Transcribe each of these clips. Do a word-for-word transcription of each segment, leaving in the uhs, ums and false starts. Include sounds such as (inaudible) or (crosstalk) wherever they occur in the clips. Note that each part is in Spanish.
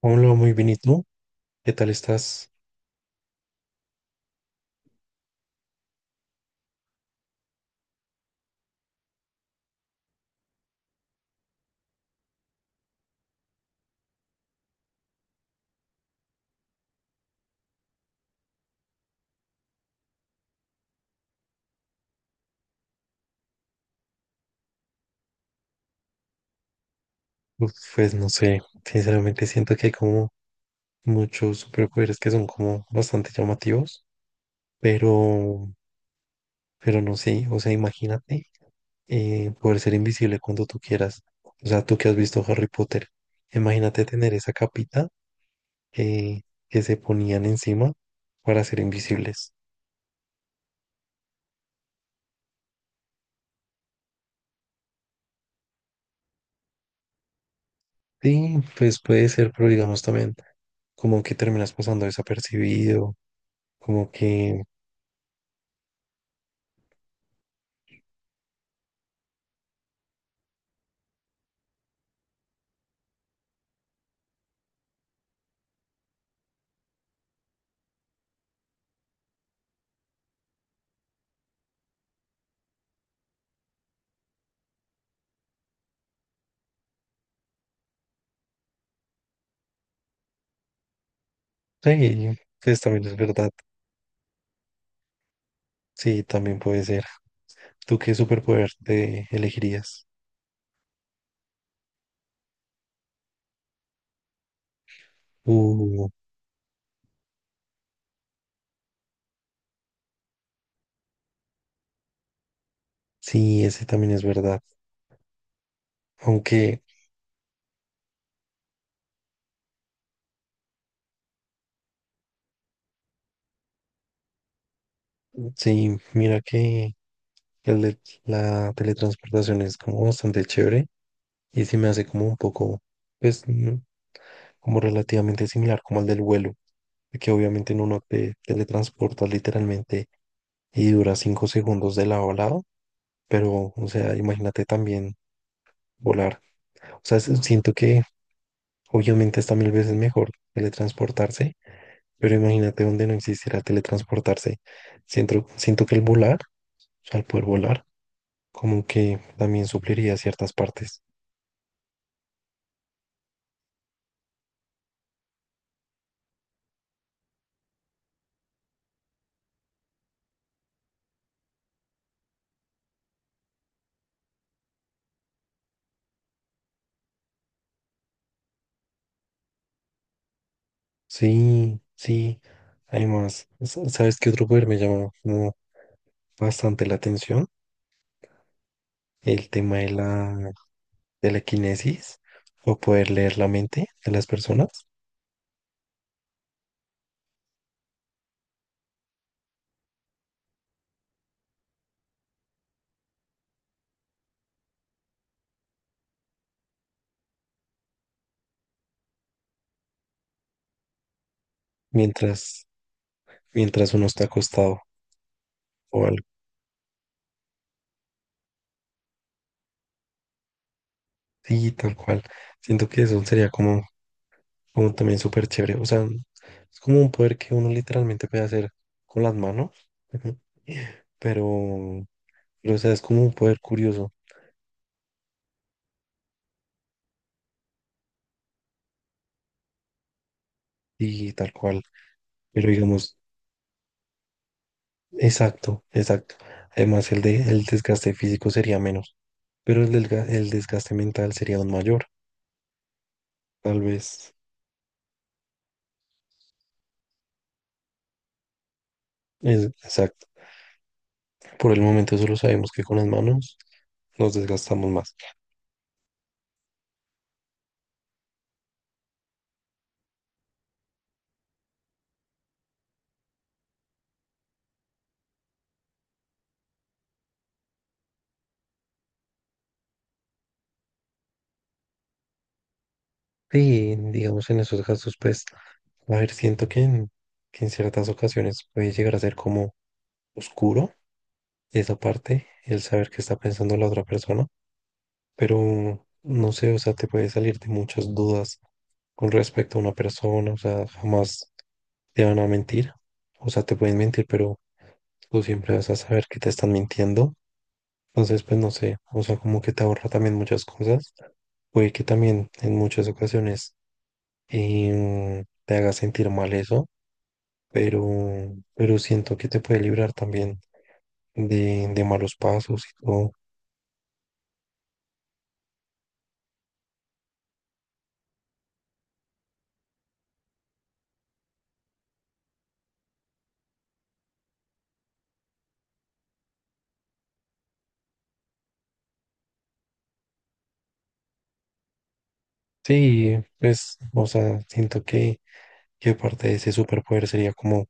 Hola, muy bien, ¿y tú? ¿Qué tal estás? Uf, pues no sé, sinceramente siento que hay como muchos superpoderes que son como bastante llamativos, pero, pero, no sé, o sea, imagínate eh, poder ser invisible cuando tú quieras. O sea, tú que has visto Harry Potter, imagínate tener esa capita que, que se ponían encima para ser invisibles. Sí, pues puede ser, pero digamos también como que terminas pasando desapercibido, como que. Sí, pues también es verdad. Sí, también puede ser. ¿Tú qué superpoder te elegirías? Uh, sí, ese también es verdad. Aunque, sí, mira que el de la teletransportación es como bastante chévere y sí me hace como un poco, pues, mm, como relativamente similar como el del vuelo, que obviamente en uno te teletransporta literalmente y dura cinco segundos de lado a lado, pero, o sea, imagínate también volar. O sea, s- siento que obviamente está mil veces mejor teletransportarse. Pero imagínate donde no existiera teletransportarse. Siento, siento que el volar, o sea, al poder volar, como que también supliría ciertas partes. Sí, sí. Además, sa- ¿sabes qué otro poder me llama como bastante la atención? El tema de la, de la, quinesis o poder leer la mente de las personas mientras, mientras uno está acostado o algo. Sí, tal cual. Siento que eso sería como como también súper chévere. O sea, es como un poder que uno literalmente puede hacer con las manos. Ujú. Pero, pero, o sea, es como un poder curioso y tal cual. Pero digamos, exacto, exacto. Además, el de, el desgaste físico sería menos, pero el, delga- el desgaste mental sería aún mayor. Tal vez, es, exacto. Por el momento solo sabemos que con las manos nos desgastamos más. Y digamos, en esos casos, pues, a ver, siento que en, que en ciertas ocasiones puede llegar a ser como oscuro esa parte, el saber qué está pensando la otra persona, pero no sé, o sea, te puede salir de muchas dudas con respecto a una persona, o sea, jamás te van a mentir, o sea, te pueden mentir, pero tú siempre vas a saber que te están mintiendo, entonces pues no sé, o sea, como que te ahorra también muchas cosas, puede que también en muchas ocasiones em, te haga sentir mal eso, pero, pero, siento que te puede librar también de, de malos pasos y todo. Sí, pues, o sea, siento que, que parte de ese superpoder sería como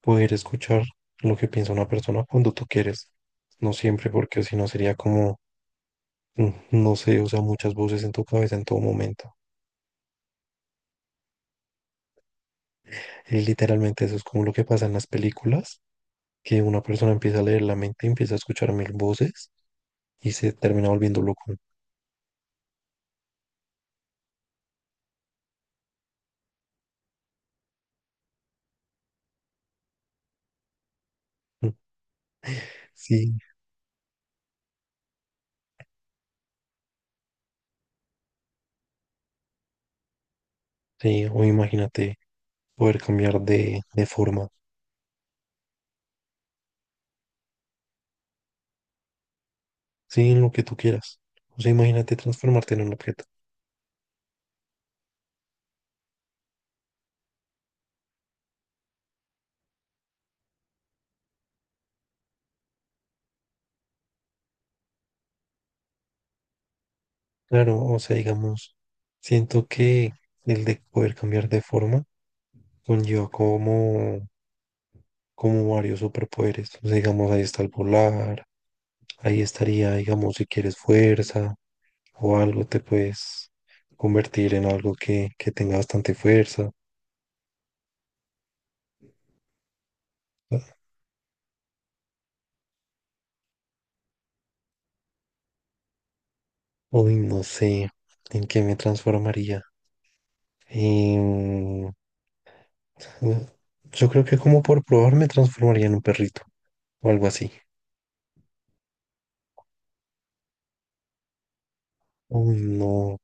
poder escuchar lo que piensa una persona cuando tú quieres. No siempre, porque si no sería como, mm, no sé, o sea, muchas voces en tu cabeza en todo momento. Y literalmente eso es como lo que pasa en las películas, que una persona empieza a leer la mente, empieza a escuchar mil voces y se termina volviendo loco. Mm. Sí, sí, o imagínate poder cambiar de, de, forma, sí, en lo que tú quieras. O sea, imagínate transformarte en un objeto. Claro, o sea, digamos, siento que el de poder cambiar de forma conlleva como, como, varios superpoderes. O sea, digamos, ahí está el volar, ahí estaría, digamos, si quieres fuerza o algo, te puedes convertir en algo que, que tenga bastante fuerza. Uy, no sé en qué me transformaría. Em, yo creo que como por probar me transformaría en un perrito o algo así. Uy, no.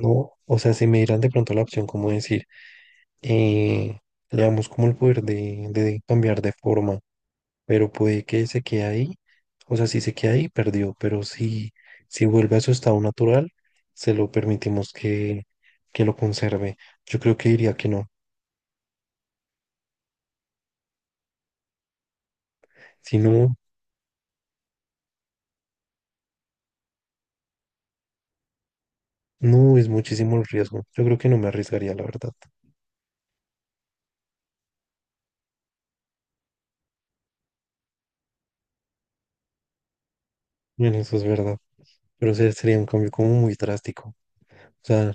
No, o sea, si me dieran de pronto la opción como decir, eh, le damos como el poder de, de, cambiar de forma, pero puede que se quede ahí, o sea, si se queda ahí, perdió, pero si, si, vuelve a su estado natural, se lo permitimos que, que lo conserve. Yo creo que diría que no. Si no, no es muchísimo el riesgo. Yo creo que no me arriesgaría, la verdad. Bueno, eso es verdad, pero se- sería un cambio como muy drástico. O sea,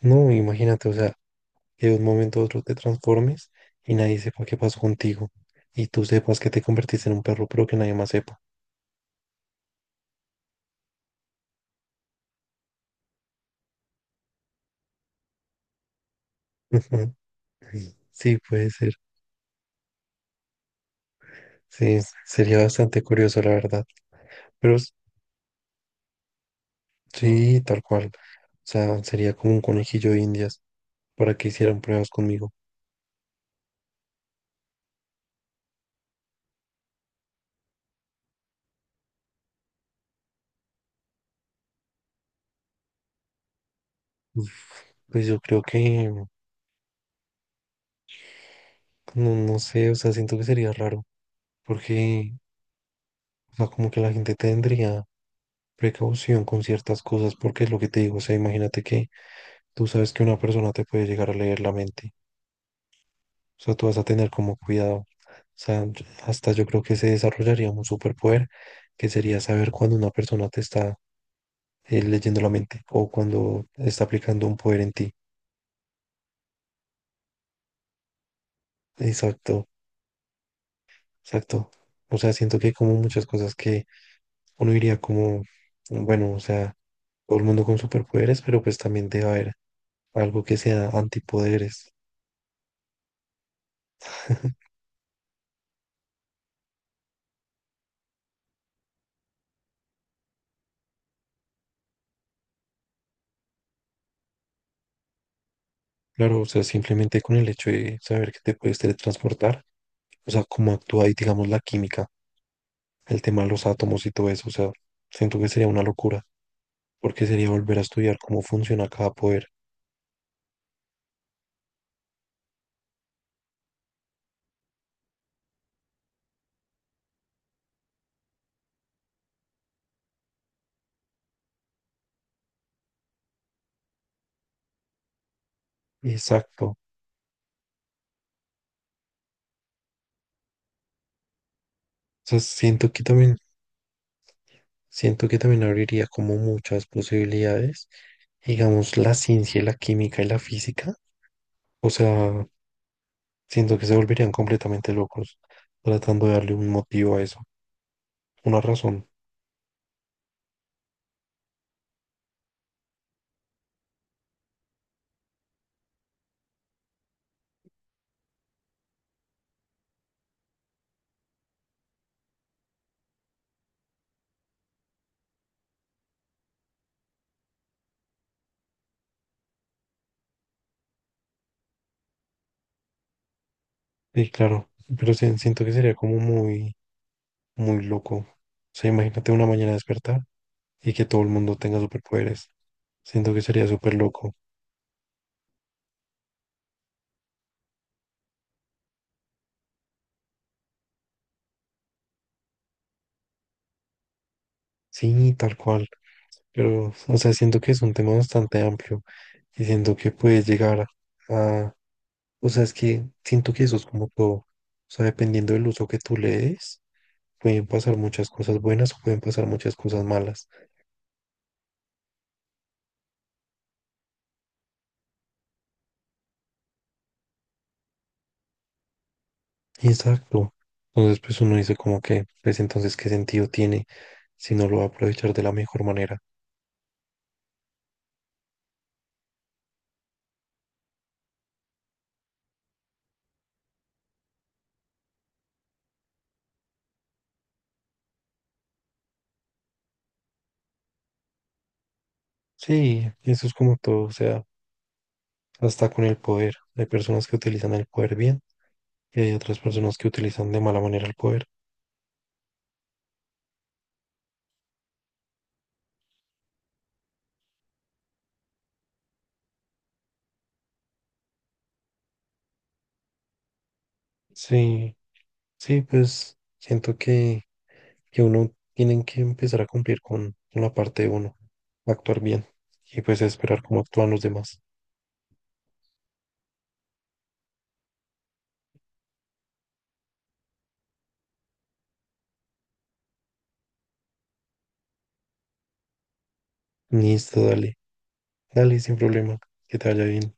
no, imagínate, o sea, que de un momento a otro te transformes y nadie sepa qué pasó contigo y tú sepas que te convertiste en un perro, pero que nadie más sepa. (laughs) Sí, puede ser. Sí, sería bastante curioso, la verdad. Pero s- sí, tal cual. O sea, sería como un conejillo de Indias para que hicieran pruebas conmigo. Uf, pues yo creo que, mm, no, no sé, o sea, siento que sería raro porque, o sea, como que la gente tendría precaución con ciertas cosas porque es lo que te digo. O sea, imagínate que tú sabes que una persona te puede llegar a leer la mente. O sea, tú vas a tener como cuidado. O sea, yo- hasta yo creo que se desarrollaría un superpoder que sería saber cuando una persona te está eh, leyendo la mente o cuando está aplicando un poder en ti. Exacto. Exacto. O sea, siento que hay como muchas cosas que uno diría como, bueno, o sea, todo el mundo con superpoderes, pero pues también debe haber algo que sea antipoderes. Claro, o sea, simplemente con el hecho de saber que te puedes teletransportar, o sea, cómo actúa ahí, digamos, la química, el tema de los átomos y todo eso, o sea, siento que sería una locura, porque sería volver a estudiar cómo funciona cada poder. Exacto. O sea, siento que también Siento que también abriría como muchas posibilidades, digamos, la ciencia, la química y la física. O sea, siento que se volverían completamente locos tratando de darle un motivo a eso, una razón. Sí, claro, pero sí- siento que sería como muy, muy loco. O sea, imagínate una mañana despertar y que todo el mundo tenga superpoderes. Siento que sería súper loco. Sí, tal cual. Pero, o sea, siento que es un tema bastante amplio y siento que puedes llegar a, o sea, es que siento que eso es como todo. O sea, dependiendo del uso que tú le des, pueden pasar muchas cosas buenas o pueden pasar muchas cosas malas. Exacto. Entonces, pues uno dice como que, pues entonces, ¿qué sentido tiene si no lo va a aprovechar de la mejor manera? Sí, eso es como todo. O sea, hasta con el poder. Hay personas que utilizan el poder bien y hay otras personas que utilizan de mala manera el poder. Sí, sí, pues siento que que uno tiene que empezar a cumplir con, con la parte de uno, actuar bien y pues esperar cómo actúan los demás. Listo, dale, dale, sin problema, que te vaya bien.